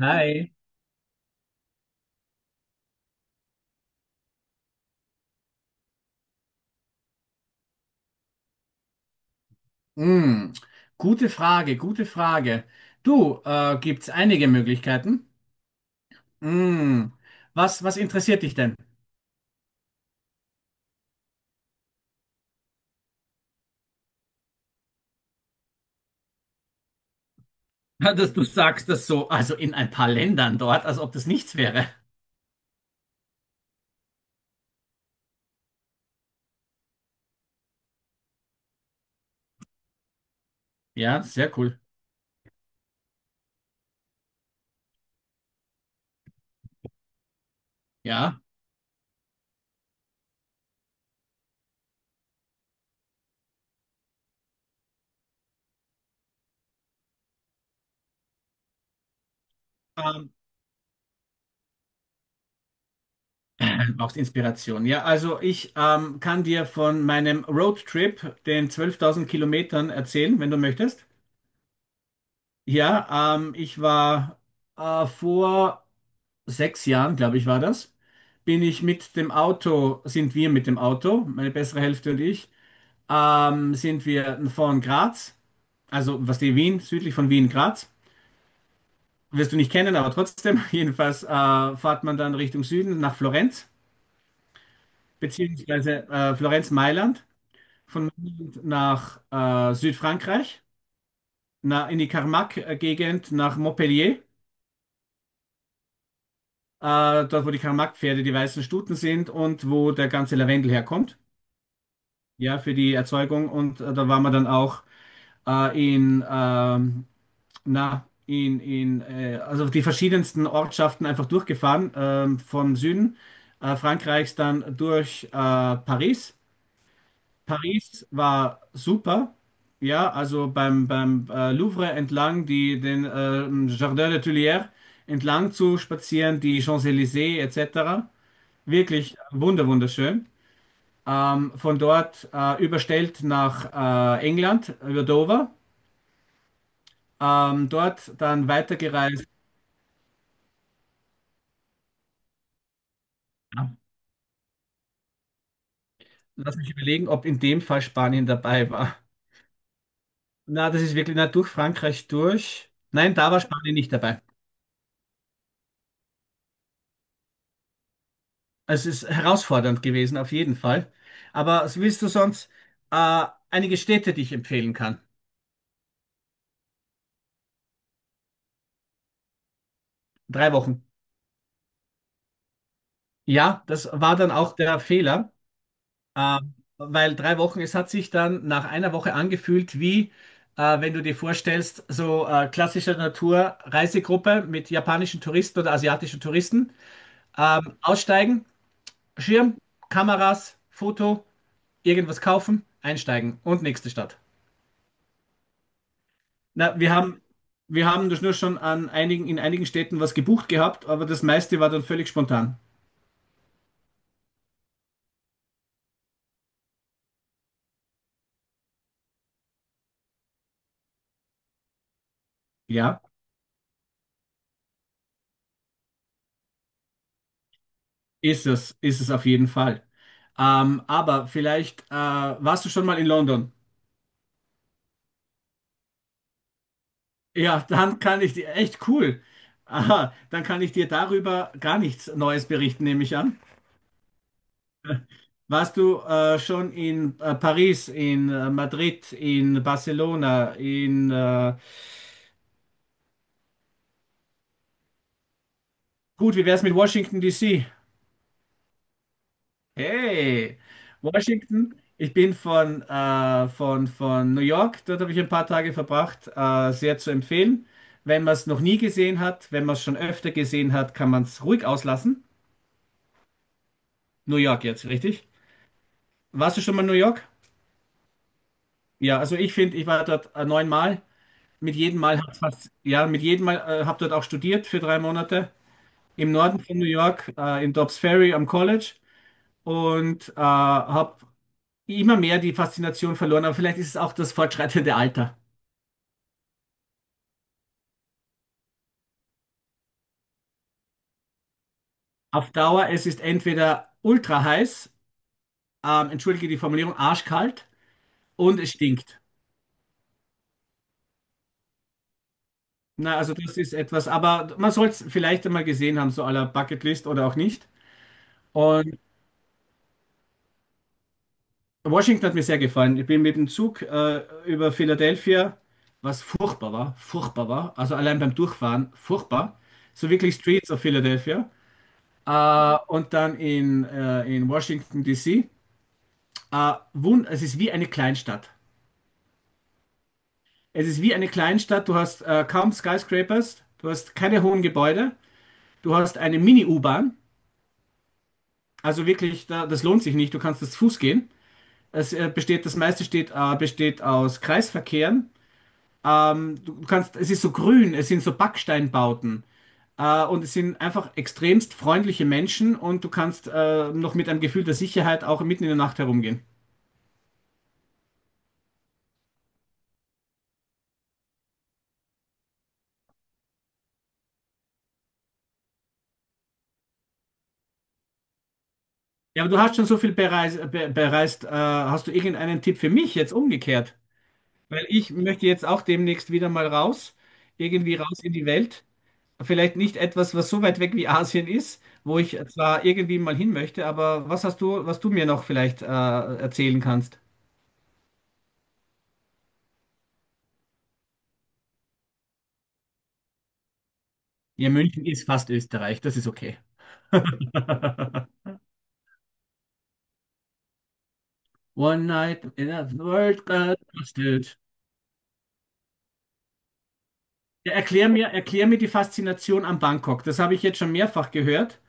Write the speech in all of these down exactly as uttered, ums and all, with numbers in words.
Hi. Hm, Gute Frage, gute Frage. Du, äh, gibt's einige Möglichkeiten? Hm, was, was interessiert dich denn? Ja, Dass du sagst das so, also in ein paar Ländern dort, als ob das nichts wäre. Ja, sehr cool. Ja. Ähm, Brauchst Inspiration. Ja, also ich ähm, kann dir von meinem Roadtrip, den zwölftausend Kilometern, erzählen, wenn du möchtest. Ja, ähm, ich war äh, vor sechs Jahren, glaube ich, war das, bin ich mit dem Auto, sind wir mit dem Auto, meine bessere Hälfte und ich, ähm, sind wir von Graz, also was die Wien, südlich von Wien, Graz, wirst du nicht kennen, aber trotzdem, jedenfalls äh, fährt man dann Richtung Süden nach Florenz, beziehungsweise äh, Florenz-Mailand, von Mailand nach äh, Südfrankreich, na, in die Carmac-Gegend nach Montpellier. Äh, dort, wo die Karl-Marx-Pferde die weißen Stuten sind und wo der ganze Lavendel herkommt, ja, für die Erzeugung. Und äh, da waren wir dann auch äh, in, ähm, na, in, in äh, also die verschiedensten Ortschaften einfach durchgefahren, ähm, vom Süden äh, Frankreichs dann durch äh, Paris. Paris war super. Ja, also beim, beim äh, Louvre entlang, die, den äh, Jardin des Tuileries entlang zu spazieren, die Champs-Élysées et cetera. Wirklich wunder wunderschön. Ähm, von dort äh, überstellt nach äh, England, über Dover. Ähm, dort dann weitergereist. Ja, Lass mich überlegen, ob in dem Fall Spanien dabei war. Na, das ist wirklich, na, durch Frankreich durch. Nein, da war Spanien nicht dabei. Also, Es ist herausfordernd gewesen, auf jeden Fall. Aber was willst du sonst äh, einige Städte, die ich empfehlen kann? Drei Wochen. Ja, das war dann auch der Fehler. Ähm, weil drei Wochen, es hat sich dann nach einer Woche angefühlt wie, äh, wenn du dir vorstellst, so äh, klassische Naturreisegruppe mit japanischen Touristen oder asiatischen Touristen. Ähm, aussteigen, Schirm, Kameras, Foto, irgendwas kaufen, einsteigen und nächste Stadt. Na, wir haben, wir haben das nur schon an einigen, in einigen Städten was gebucht gehabt, aber das meiste war dann völlig spontan. Ja, ist es, ist es auf jeden Fall. Ähm, aber vielleicht äh, warst du schon mal in London? Ja, dann kann ich dir, echt cool. Aha, dann kann ich dir darüber gar nichts Neues berichten, nehme ich an. Warst du äh, schon in äh, Paris, in äh, Madrid, in Barcelona, in äh, gut, wie wär's mit Washington D C? Hey, Washington, ich bin von, äh, von, von New York, dort habe ich ein paar Tage verbracht, äh, sehr zu empfehlen. Wenn man es noch nie gesehen hat, wenn man es schon öfter gesehen hat, kann man es ruhig auslassen. New York jetzt, richtig? Warst du schon mal in New York? Ja, also ich finde, ich war dort äh, neunmal. Mit jedem Mal hat's was, ja, mit jedem Mal äh, habe dort auch studiert für drei Monate im Norden von New York, äh, in Dobbs Ferry am College und äh, habe immer mehr die Faszination verloren. Aber vielleicht ist es auch das fortschreitende Alter. Auf Dauer, es ist entweder ultra heiß, ähm, entschuldige die Formulierung, arschkalt und es stinkt. Na, also das ist etwas, aber man soll es vielleicht einmal gesehen haben, so à la Bucketlist oder auch nicht. Und Washington hat mir sehr gefallen. Ich bin mit dem Zug äh, über Philadelphia, was furchtbar war, furchtbar war. Also allein beim Durchfahren, furchtbar. So wirklich Streets of Philadelphia. Äh, und dann in, äh, in Washington, D C. Äh, wund Es ist wie eine Kleinstadt. Es ist wie eine Kleinstadt. Du hast äh, kaum Skyscrapers, du hast keine hohen Gebäude, du hast eine Mini-U-Bahn. Also wirklich, da, das lohnt sich nicht. Du kannst das Fuß gehen. Es äh, besteht, das meiste steht, äh, besteht aus Kreisverkehren. Ähm, du du kannst, es ist so grün, es sind so Backsteinbauten. Äh, und es sind einfach extremst freundliche Menschen und du kannst äh, noch mit einem Gefühl der Sicherheit auch mitten in der Nacht herumgehen. Ja, aber du hast schon so viel bereist, be bereist. Äh, hast du irgendeinen Tipp für mich jetzt umgekehrt? Weil ich möchte jetzt auch demnächst wieder mal raus, irgendwie raus in die Welt. Vielleicht nicht etwas, was so weit weg wie Asien ist, wo ich zwar irgendwie mal hin möchte, aber was hast du, was du mir noch vielleicht äh, erzählen kannst? Ja, München ist fast Österreich, das ist okay. One night in a world got busted. Ja, erklär mir, erklär mir die Faszination an Bangkok. Das habe ich jetzt schon mehrfach gehört.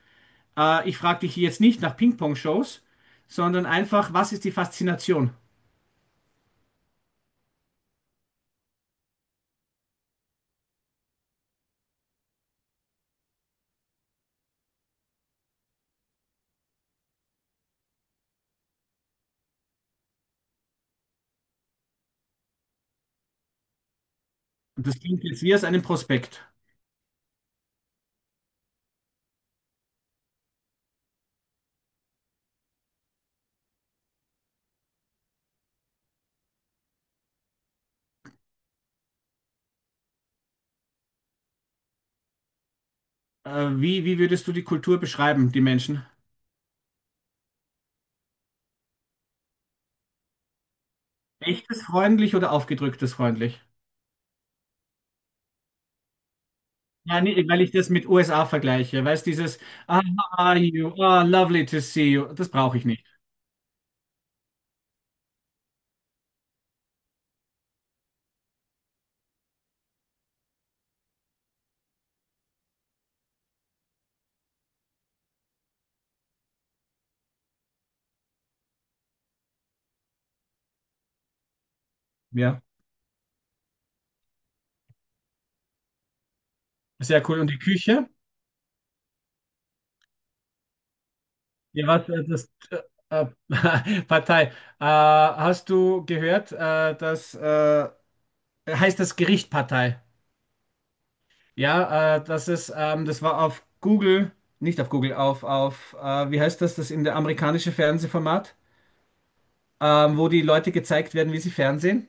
Äh, ich frage dich jetzt nicht nach Ping-Pong-Shows, sondern einfach, was ist die Faszination? Und das klingt jetzt wie aus einem Prospekt. Äh, wie, wie würdest du die Kultur beschreiben, die Menschen? Echtes freundlich oder aufgedrücktes freundlich? Ja, nee, weil ich das mit U S A vergleiche. Weißt dieses, ah, how are you? Ah, lovely to see you. Das brauche ich nicht. Ja, sehr cool. Und die Küche? Ja, was, äh, das äh, äh, Partei. Äh, hast du gehört, äh, dass äh, heißt das Gericht Partei? Ja, äh, das ist, ähm, das war auf Google, nicht auf Google, auf, auf, äh, wie heißt das, das in der amerikanische Fernsehformat, ähm, wo die Leute gezeigt werden, wie sie fernsehen.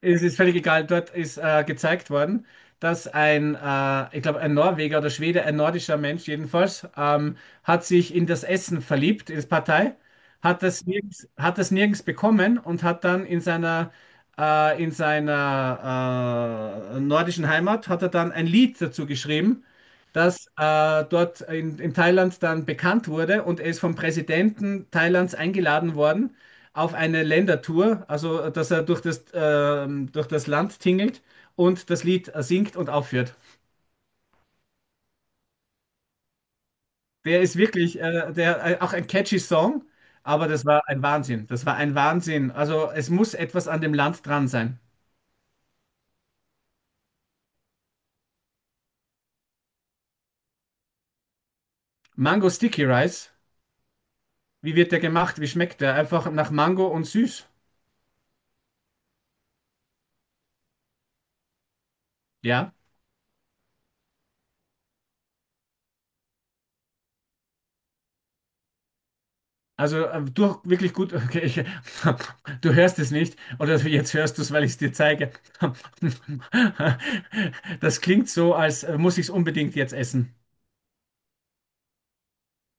Es ist völlig egal, dort ist äh, gezeigt worden, dass ein, äh, ich glaube, ein Norweger oder Schwede, ein nordischer Mensch jedenfalls, ähm, hat sich in das Essen verliebt, in das Partei, hat das nirgends, hat das nirgends bekommen und hat dann in seiner äh, in seiner äh, nordischen Heimat hat er dann ein Lied dazu geschrieben, das äh, dort in, in Thailand dann bekannt wurde und er ist vom Präsidenten Thailands eingeladen worden auf eine Ländertour, also äh, dass er durch das, ähm, durch das Land tingelt und das Lied äh, singt und aufführt. Der ist wirklich, äh, der, äh, auch ein catchy Song, aber das war ein Wahnsinn. Das war ein Wahnsinn. Also es muss etwas an dem Land dran sein. Mango Sticky Rice, wie wird der gemacht? Wie schmeckt der? Einfach nach Mango und süß. Ja. Also äh, durch wirklich gut, okay, ich, du hörst es nicht, oder jetzt hörst du es, weil ich es dir zeige. Das klingt so, als äh, muss ich es unbedingt jetzt essen.